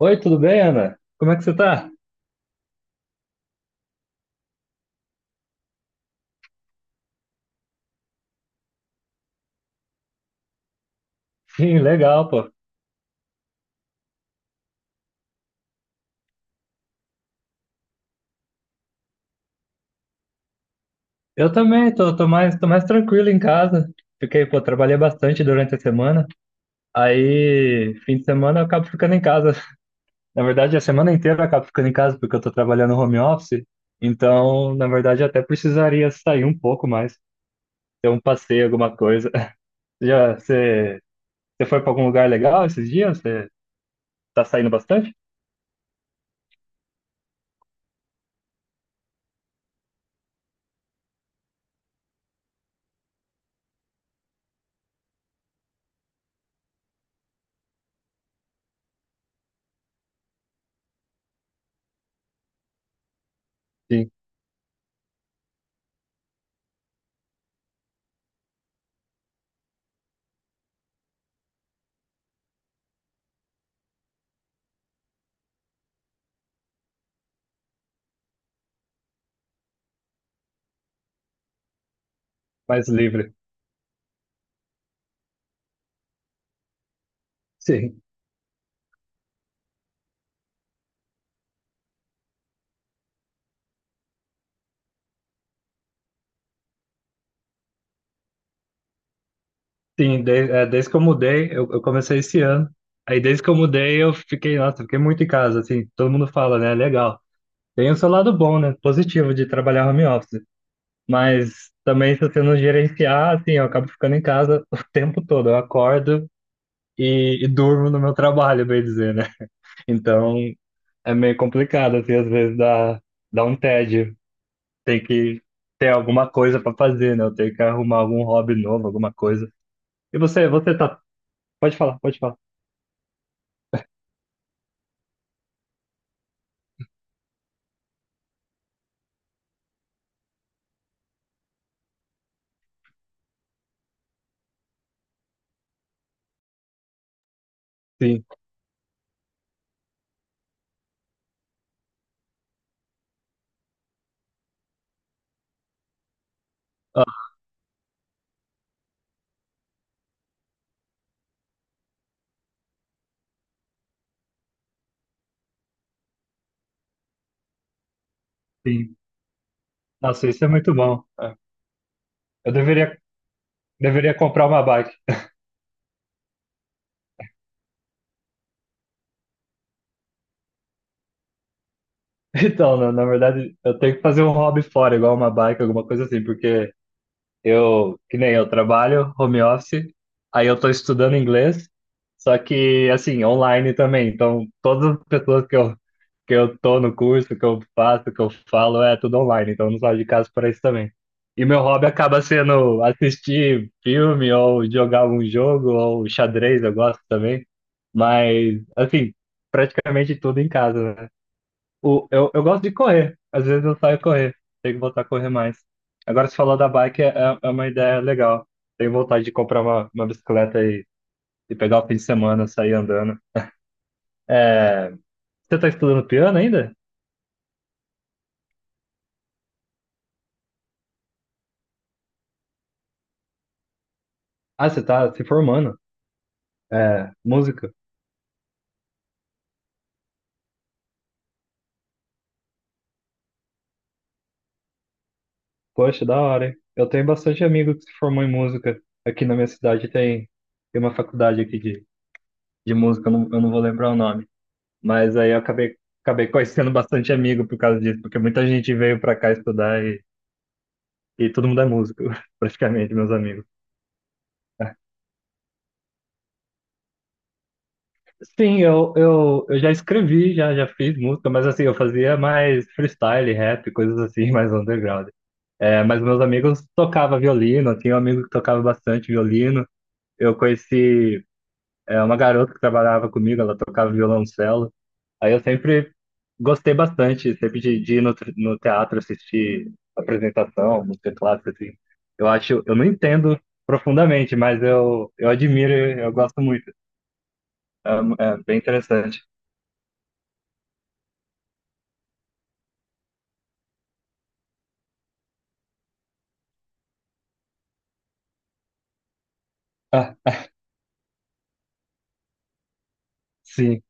Oi, tudo bem, Ana? Como é que você tá? Sim, legal, pô. Eu também, tô mais tranquilo em casa. Fiquei, pô, trabalhei bastante durante a semana. Aí, fim de semana eu acabo ficando em casa. Na verdade, a semana inteira eu acabo ficando em casa porque eu tô trabalhando home office. Então, na verdade, eu até precisaria sair um pouco mais, ter um passeio, alguma coisa. Já, você, você foi pra algum lugar legal esses dias? Você tá saindo bastante? Sim, mais livre. Sim. Sim, desde que eu mudei, eu comecei esse ano. Aí desde que eu mudei, eu fiquei, nossa, fiquei muito em casa, assim, todo mundo fala, né? Legal. Tem o seu lado bom, né? Positivo de trabalhar home office. Mas também se você não gerenciar, assim, eu acabo ficando em casa o tempo todo. Eu acordo e durmo no meu trabalho, bem dizer, né? Então é meio complicado, assim, às vezes dá um tédio. Tem que ter alguma coisa para fazer, né? Eu tenho que arrumar algum hobby novo, alguma coisa. E você, você tá. Pode falar, pode falar. Sim, ah, sim. Nossa, isso é muito bom. É. Eu deveria comprar uma bike. Então, na verdade, eu tenho que fazer um hobby fora, igual uma bike, alguma coisa assim, porque eu, que nem eu trabalho home office, aí eu tô estudando inglês, só que assim, online também. Então, todas as pessoas que eu tô no curso, que eu faço, que eu falo, é tudo online, então eu não saio de casa para isso também. E meu hobby acaba sendo assistir filme ou jogar um jogo ou xadrez, eu gosto também. Mas assim, praticamente tudo em casa, né? O, eu gosto de correr. Às vezes eu saio correr. Tenho que voltar a correr mais. Agora, você falou da bike, é uma ideia legal. Tenho vontade de comprar uma bicicleta e pegar o fim de semana, sair andando. É, você tá estudando piano ainda? Ah, você tá se formando. É, música. Poxa, da hora, hein? Eu tenho bastante amigo que se formou em música. Aqui na minha cidade tem, tem uma faculdade aqui de música, eu não vou lembrar o nome. Mas aí eu acabei conhecendo bastante amigo por causa disso, porque muita gente veio pra cá estudar. E todo mundo é músico, praticamente, meus amigos. Sim, eu já escrevi, já fiz música, mas assim, eu fazia mais freestyle, rap, coisas assim, mais underground. É, mas meus amigos tocavam violino, eu tinha um amigo que tocava bastante violino. Eu conheci, uma garota que trabalhava comigo, ela tocava violoncelo. Aí eu sempre gostei bastante, sempre de ir no, no teatro assistir apresentação, música clássica, assim. Eu acho, eu não entendo profundamente, mas eu admiro, e eu gosto muito. É, é bem interessante. Ah, sim,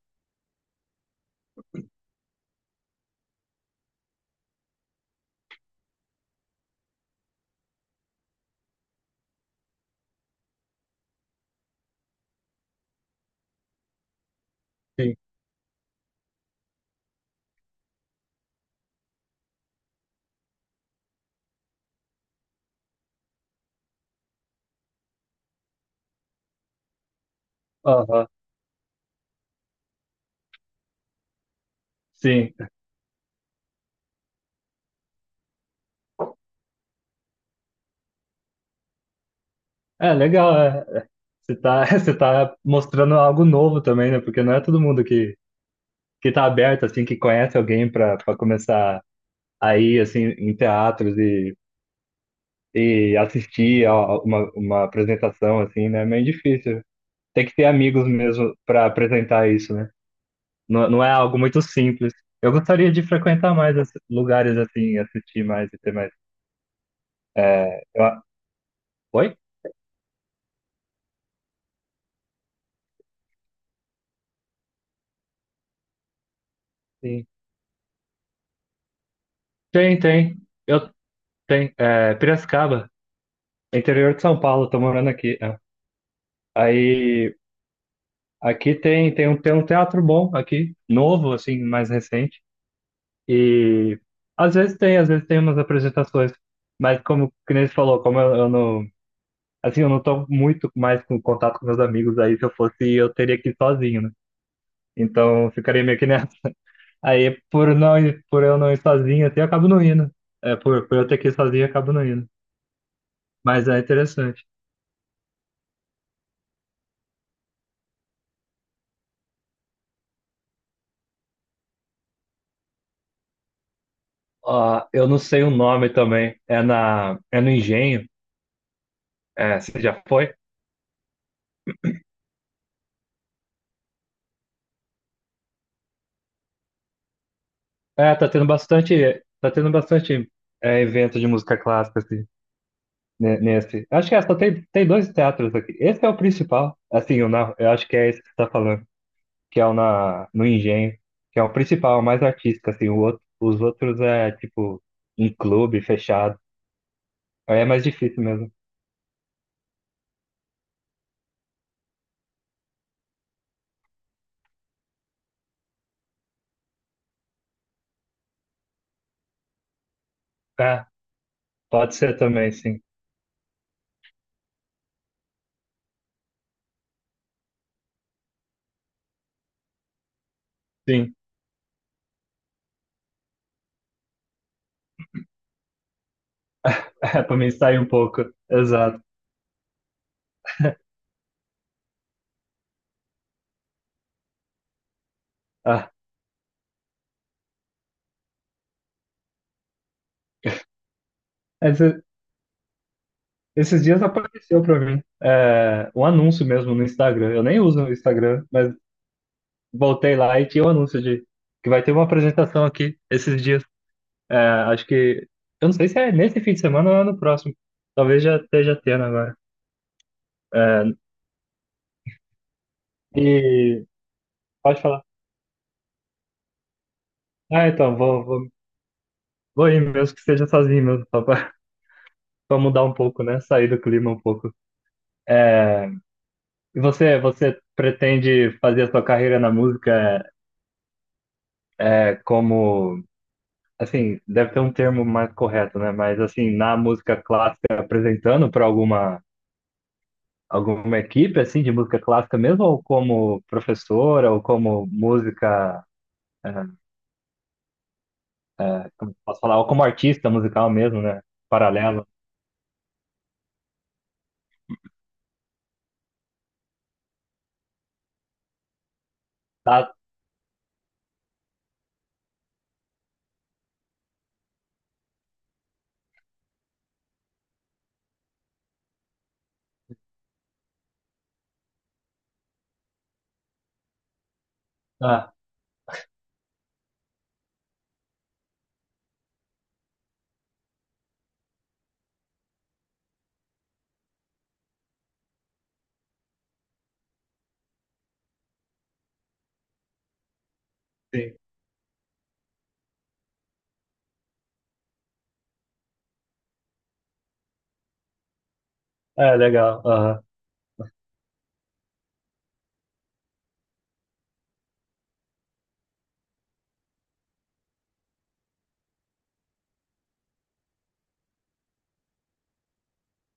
sim, aham, sim. É legal, é. Você tá, você tá mostrando algo novo também, né? Porque não é todo mundo que tá aberto, assim, que conhece alguém para começar a ir, assim, em teatros e assistir a uma apresentação assim, né? É meio difícil. Tem que ter amigos mesmo para apresentar isso, né? Não, não é algo muito simples. Eu gostaria de frequentar mais esses lugares assim, assistir mais e ter mais. É, eu a- Oi? Sim. Tem, tem. Eu tenho. É, Piracicaba, interior de São Paulo, tô morando aqui. É. Aí aqui tem, tem um teatro bom aqui, novo, assim, mais recente. E às vezes tem umas apresentações, mas como que nem falou, como eu não, assim, eu não tô muito mais com contato com meus amigos, aí se eu fosse, eu teria que ir sozinho, né? Então eu ficaria meio que nessa. Aí por por eu não ir sozinho, assim, eu acabo não indo. É, por eu ter que ir sozinho, eu acabo não indo. Mas é interessante. Ah, eu não sei o nome também. É no Engenho. É, você já foi? É, tá tendo bastante evento de música clássica, assim. Nesse. Acho que é, só tem, tem dois teatros aqui. Esse é o principal. Assim, eu acho que é esse que você tá falando, que é no Engenho, que é o principal, o mais artístico, assim. O outro, os outros é, tipo, em clube, fechado. Aí é mais difícil mesmo. É, pode ser também, sim. Sim. É, pra mim sair um pouco. Exato. Ah, esse- esses dias apareceu para mim um anúncio mesmo no Instagram. Eu nem uso o Instagram, mas voltei lá e tinha um anúncio de que vai ter uma apresentação aqui esses dias. É, acho que. Eu não sei se é nesse fim de semana ou é no próximo. Talvez já esteja tendo agora. É, e pode falar. Ah, então, vou ir mesmo que seja sozinho mesmo, só pra, pra mudar um pouco, né? Sair do clima um pouco. E você, você pretende fazer a sua carreira na música é como. Assim, deve ter um termo mais correto, né? Mas assim, na música clássica, apresentando para alguma equipe assim de música clássica mesmo, ou como professora, ou como música é, posso falar, ou como artista musical mesmo, né? Paralelo. Tá, ah, sim. É, legal. Aham,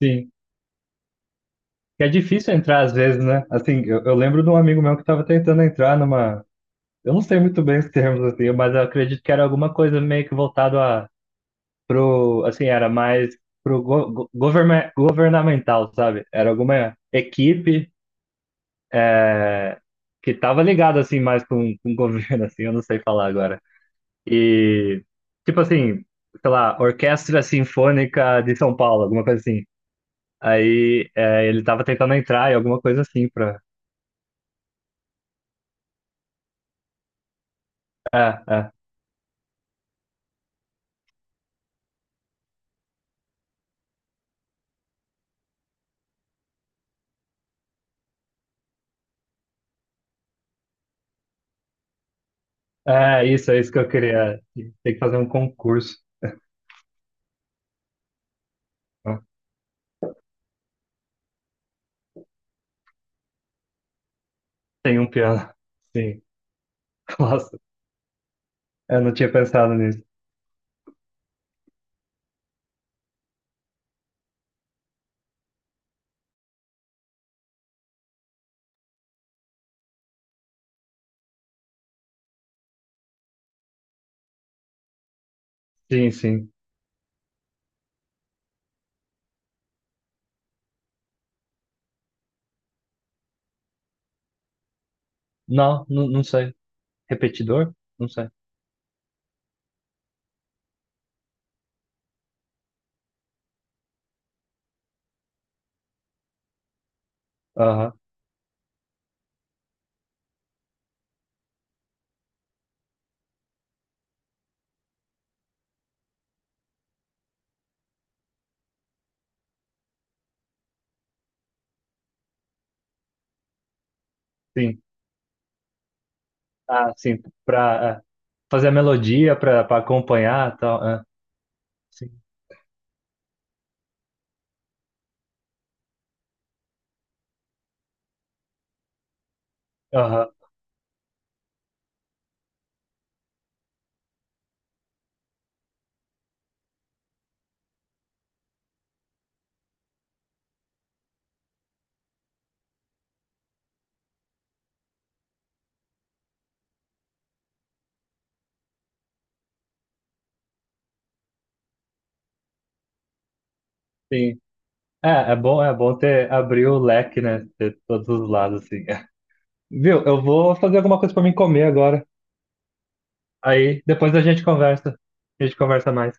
sim. Que é difícil entrar às vezes, né? Assim, eu lembro de um amigo meu que estava tentando entrar numa. Eu não sei muito bem os termos, assim, mas eu acredito que era alguma coisa meio que voltado a. Pro, assim, era mais pro governamental, sabe? Era alguma equipe é, que estava ligada, assim, mais com o governo, assim, eu não sei falar agora. E, tipo assim, sei lá, Orquestra Sinfônica de São Paulo, alguma coisa assim. Ele tava tentando entrar em alguma coisa assim pra. É, é, é isso que eu queria. Tem que fazer um concurso. Né? Tem um piano. Sim. Nossa, eu não tinha pensado nisso. Sim, sim. Não, não, não sei. Repetidor? Não sei. Aham, sim. Ah, sim. Pra fazer a melodia, pra acompanhar e tal. É, sim. Aham, sim. É, é bom ter abrir o leque, né? Ter todos os lados, assim. Viu? Eu vou fazer alguma coisa pra mim comer agora. Aí depois a gente conversa. A gente conversa mais.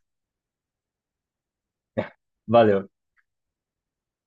Valeu.